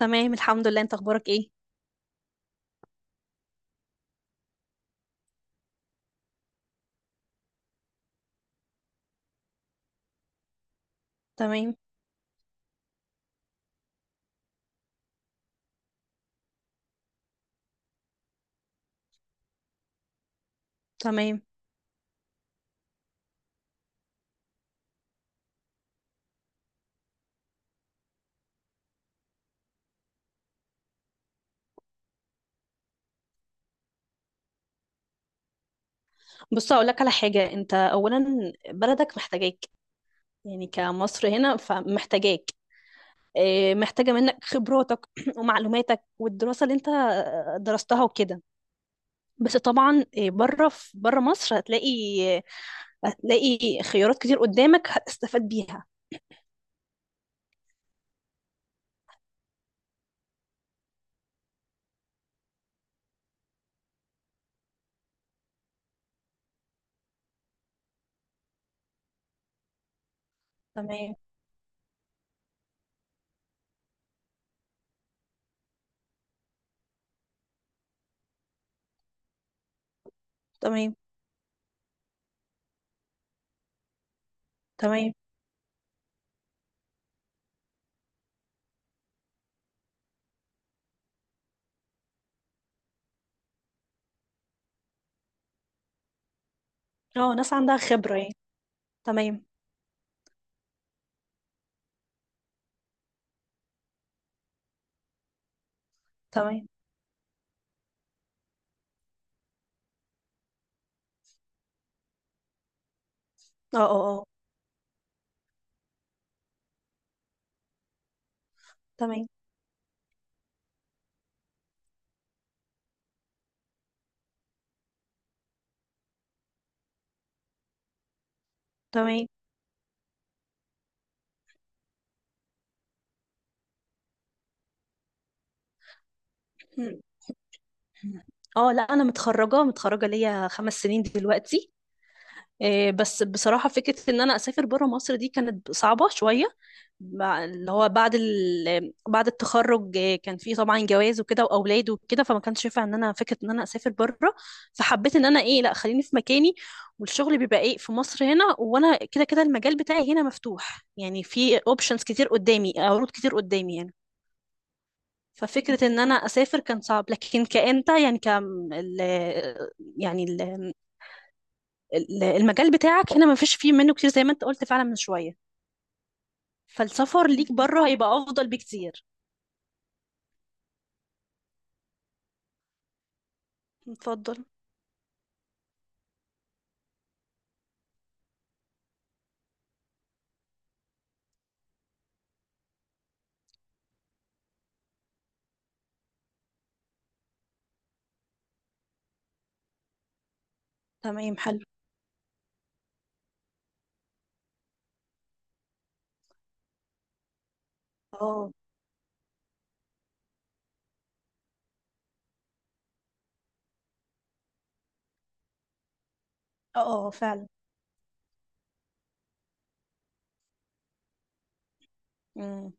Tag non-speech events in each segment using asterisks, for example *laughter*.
تمام، الحمد لله. انت اخبارك ايه؟ تمام، تمام. بص، اقول لك على حاجه. انت اولا، بلدك محتاجاك. يعني كمصر هنا فمحتاجاك. اه، محتاجه منك خبراتك *clears throat* ومعلوماتك والدراسه اللي انت درستها وكده. بس طبعا بره، في بره مصر هتلاقي خيارات كتير قدامك هتستفاد بيها. تمام. تمام. تمام. اه، ناس عندها خبره يعني. تمام. تمام. اه، اه، اه. تمام. تمام. اه، لا انا متخرجه، متخرجه ليا 5 سنين دلوقتي. بس بصراحه فكره ان انا اسافر بره مصر دي كانت صعبه شويه، اللي هو بعد التخرج، كان في طبعا جواز وكده واولاد وكده، فما كانش ينفع ان انا فكره ان انا اسافر بره. فحبيت ان انا لا، خليني في مكاني. والشغل بيبقى في مصر هنا، وانا كده كده المجال بتاعي هنا مفتوح، يعني في اوبشنز كتير قدامي، عروض كتير قدامي يعني. ففكرة ان انا اسافر كان صعب، لكن كأنت يعني يعني ال... المجال بتاعك هنا ما فيش فيه منه كتير زي ما انت قلت فعلا من شوية. فالسفر ليك بره هيبقى افضل بكتير. اتفضل. تمام، حلو. اه، اه. آه، فعلا. مم.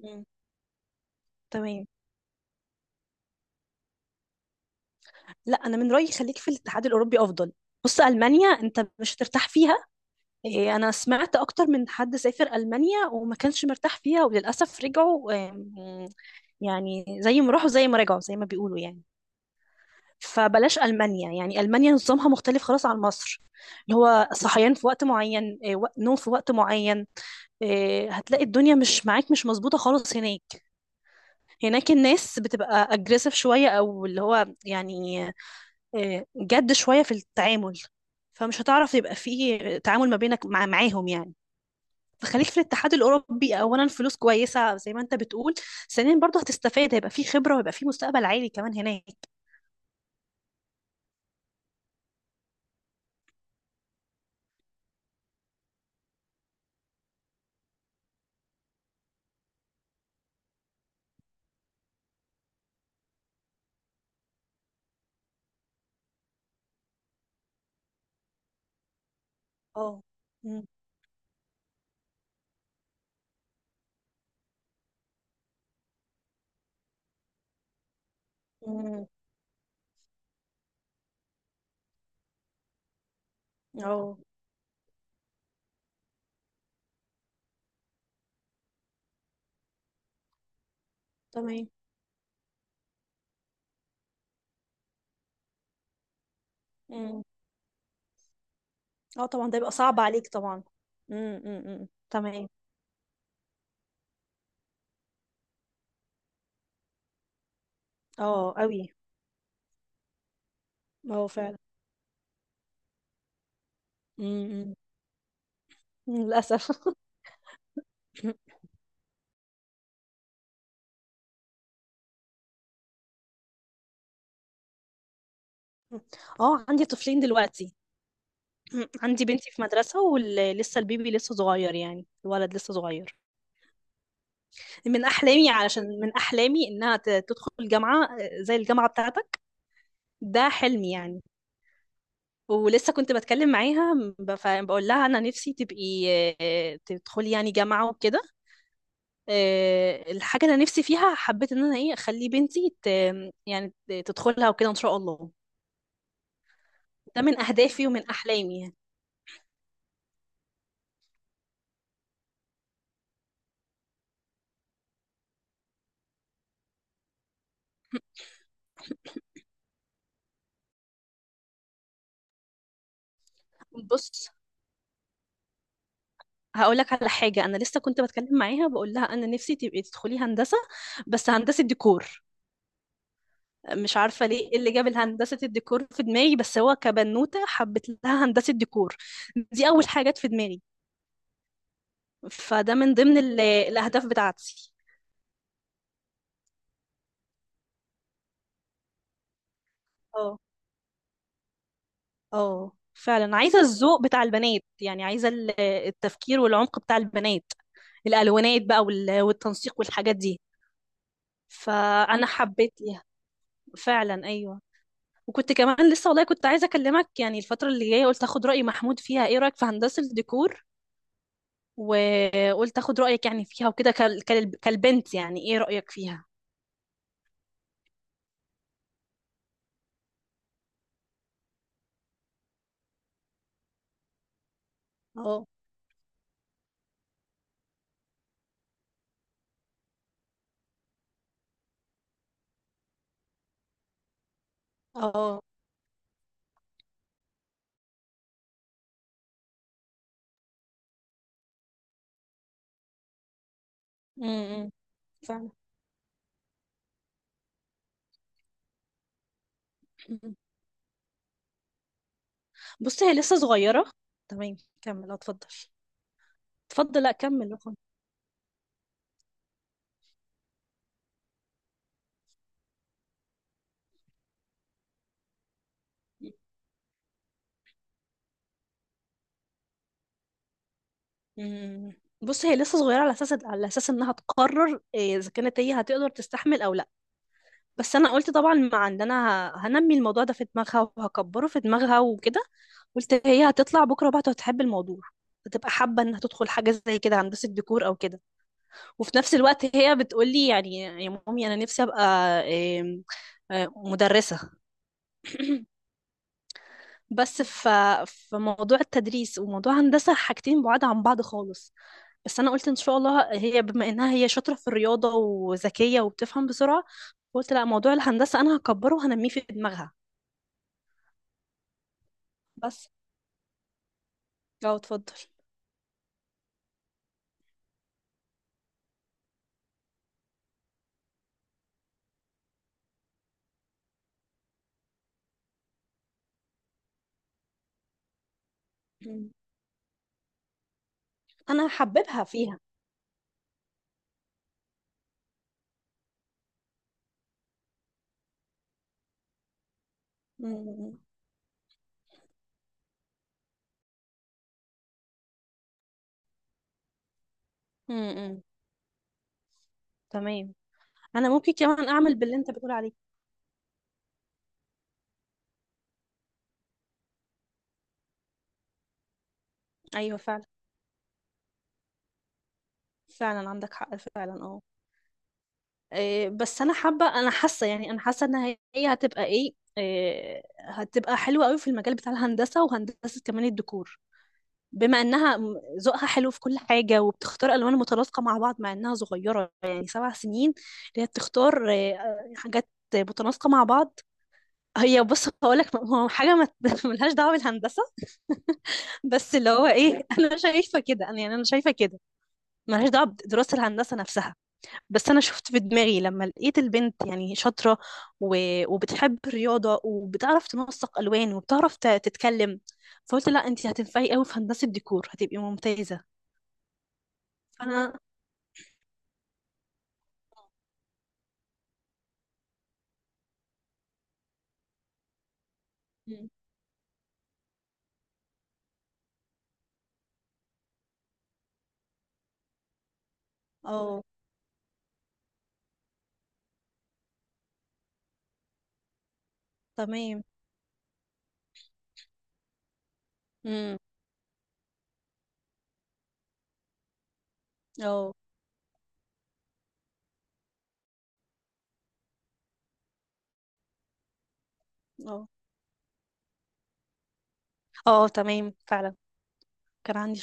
مم. تمام. لا، انا من رأيي خليك في الاتحاد الاوروبي افضل. بص، المانيا انت مش هترتاح فيها. انا سمعت اكتر من حد سافر المانيا وما كانش مرتاح فيها وللاسف رجعوا. يعني زي ما راحوا زي ما رجعوا زي ما بيقولوا يعني. فبلاش المانيا، يعني المانيا نظامها مختلف خلاص عن مصر. اللي هو صحيان في وقت معين، نوم في وقت معين. هتلاقي الدنيا مش معاك، مش مظبوطة خالص هناك. هناك الناس بتبقى اجريسيف شوية، او اللي هو يعني جد شوية في التعامل. فمش هتعرف يبقى فيه تعامل ما بينك معاهم يعني. فخليك في الاتحاد الاوروبي. اولا فلوس كويسه زي ما انت بتقول، ثانيا برضه هتستفاد، هيبقى في خبره وهيبقى في مستقبل عالي كمان هناك. اه. مم. مم. اه، تمام. مم. اه، طبعا ده يبقى صعب عليك طبعا. مم. مم. مم. تمام. اه، قوي. اه، فعلا. مم. مم. للاسف. *laughs* اه، عندي طفلين دلوقتي. *clears throat* مم. عندي بنتي في مدرسة، ولسه البيبي لسه صغير، يعني الولد لسه صغير. من أحلامي إنها تدخل الجامعة، زي الجامعة بتاعتك. ده حلمي يعني. ولسه كنت بتكلم معاها، بقول لها انا نفسي تبقي، تدخلي يعني جامعه وكده. الحاجه اللي أنا نفسي فيها، حبيت ان انا اخلي بنتي يعني تدخلها وكده ان شاء الله. ده من اهدافي ومن احلامي يعني. بص، هقول لك على حاجه. انا لسه كنت بتكلم معاها بقول لها انا نفسي تبقي تدخلي هندسه، بس هندسه ديكور. مش عارفه ليه إيه اللي جاب هندسه الديكور في دماغي، بس هو كبنوته حبت لها هندسه ديكور، دي اول حاجات في دماغي. فده من ضمن الأهداف بتاعتي. اه، اه. فعلا، عايزة الذوق بتاع البنات، يعني عايزة التفكير والعمق بتاع البنات. الألوانات بقى والتنسيق والحاجات دي. فأنا حبيتها. فعلا، أيوه. وكنت كمان لسه والله كنت عايزة أكلمك، يعني الفترة اللي جاية قلت أخد رأي محمود فيها، إيه رأيك في هندسة الديكور. وقلت أخد رأيك يعني فيها وكده، كالبنت يعني، إيه رأيك فيها. اه، اه. أمم، فعلا. بص، هي لسه صغيرة. تمام. كمل، اتفضل. اتفضل، لا كمل وخلاص. مم. بص، هي لسه صغيرة على اساس انها تقرر اذا كانت هي هتقدر تستحمل او لا. بس انا قلت طبعا مع ان انا هنمي الموضوع ده في دماغها وهكبره في دماغها وكده. قلت هي هتطلع بكرة بقى هتحب الموضوع، هتبقى حابة انها تدخل حاجة زي كده هندسة ديكور او كده. وفي نفس الوقت هي بتقولي يعني يا مامي انا نفسي ابقى إيه، آه، مدرسة. بس ف... في موضوع التدريس وموضوع هندسة حاجتين بعاد عن بعض خالص. بس أنا قلت إن شاء الله هي بما إنها هي شاطرة في الرياضة وذكية وبتفهم بسرعة، قلت لا موضوع الهندسة أنا هكبره وهنميه في دماغها. بس. اه، اتفضل. مم. أنا هحببها فيها. مم. مم. تمام. أنا ممكن كمان أعمل باللي أنت بتقول عليه. أيوه، فعلا. فعلا، عندك حق فعلا. اه. بس انا حابه، انا حاسه ان هي هتبقى ايه إيه، هتبقى حلوه قوي في المجال بتاع الهندسه، وهندسه كمان الديكور. بما انها ذوقها حلو في كل حاجه وبتختار الوان متناسقه مع بعض، مع انها صغيره يعني 7 سنين، اللي هي بتختار حاجات متناسقه مع بعض. هي بص هقول لك، هو حاجه ما *laughs* ملهاش دعوه بالهندسه. *laughs* بس اللي هو *laughs* انا شايفه كده، انا يعني انا شايفه كده، ملهاش دعوه بدراسه الهندسه نفسها. بس انا شفت في دماغي لما لقيت البنت يعني شاطره و... وبتحب الرياضه وبتعرف تنسق الوان وبتعرف تتكلم. فقلت لا، انت هتنفعي قوي في هندسه ديكور، هتبقي ممتازه. فانا. مم. اه، تمام. امم. اه، اه، اه. تمام، فعلا. كان عندي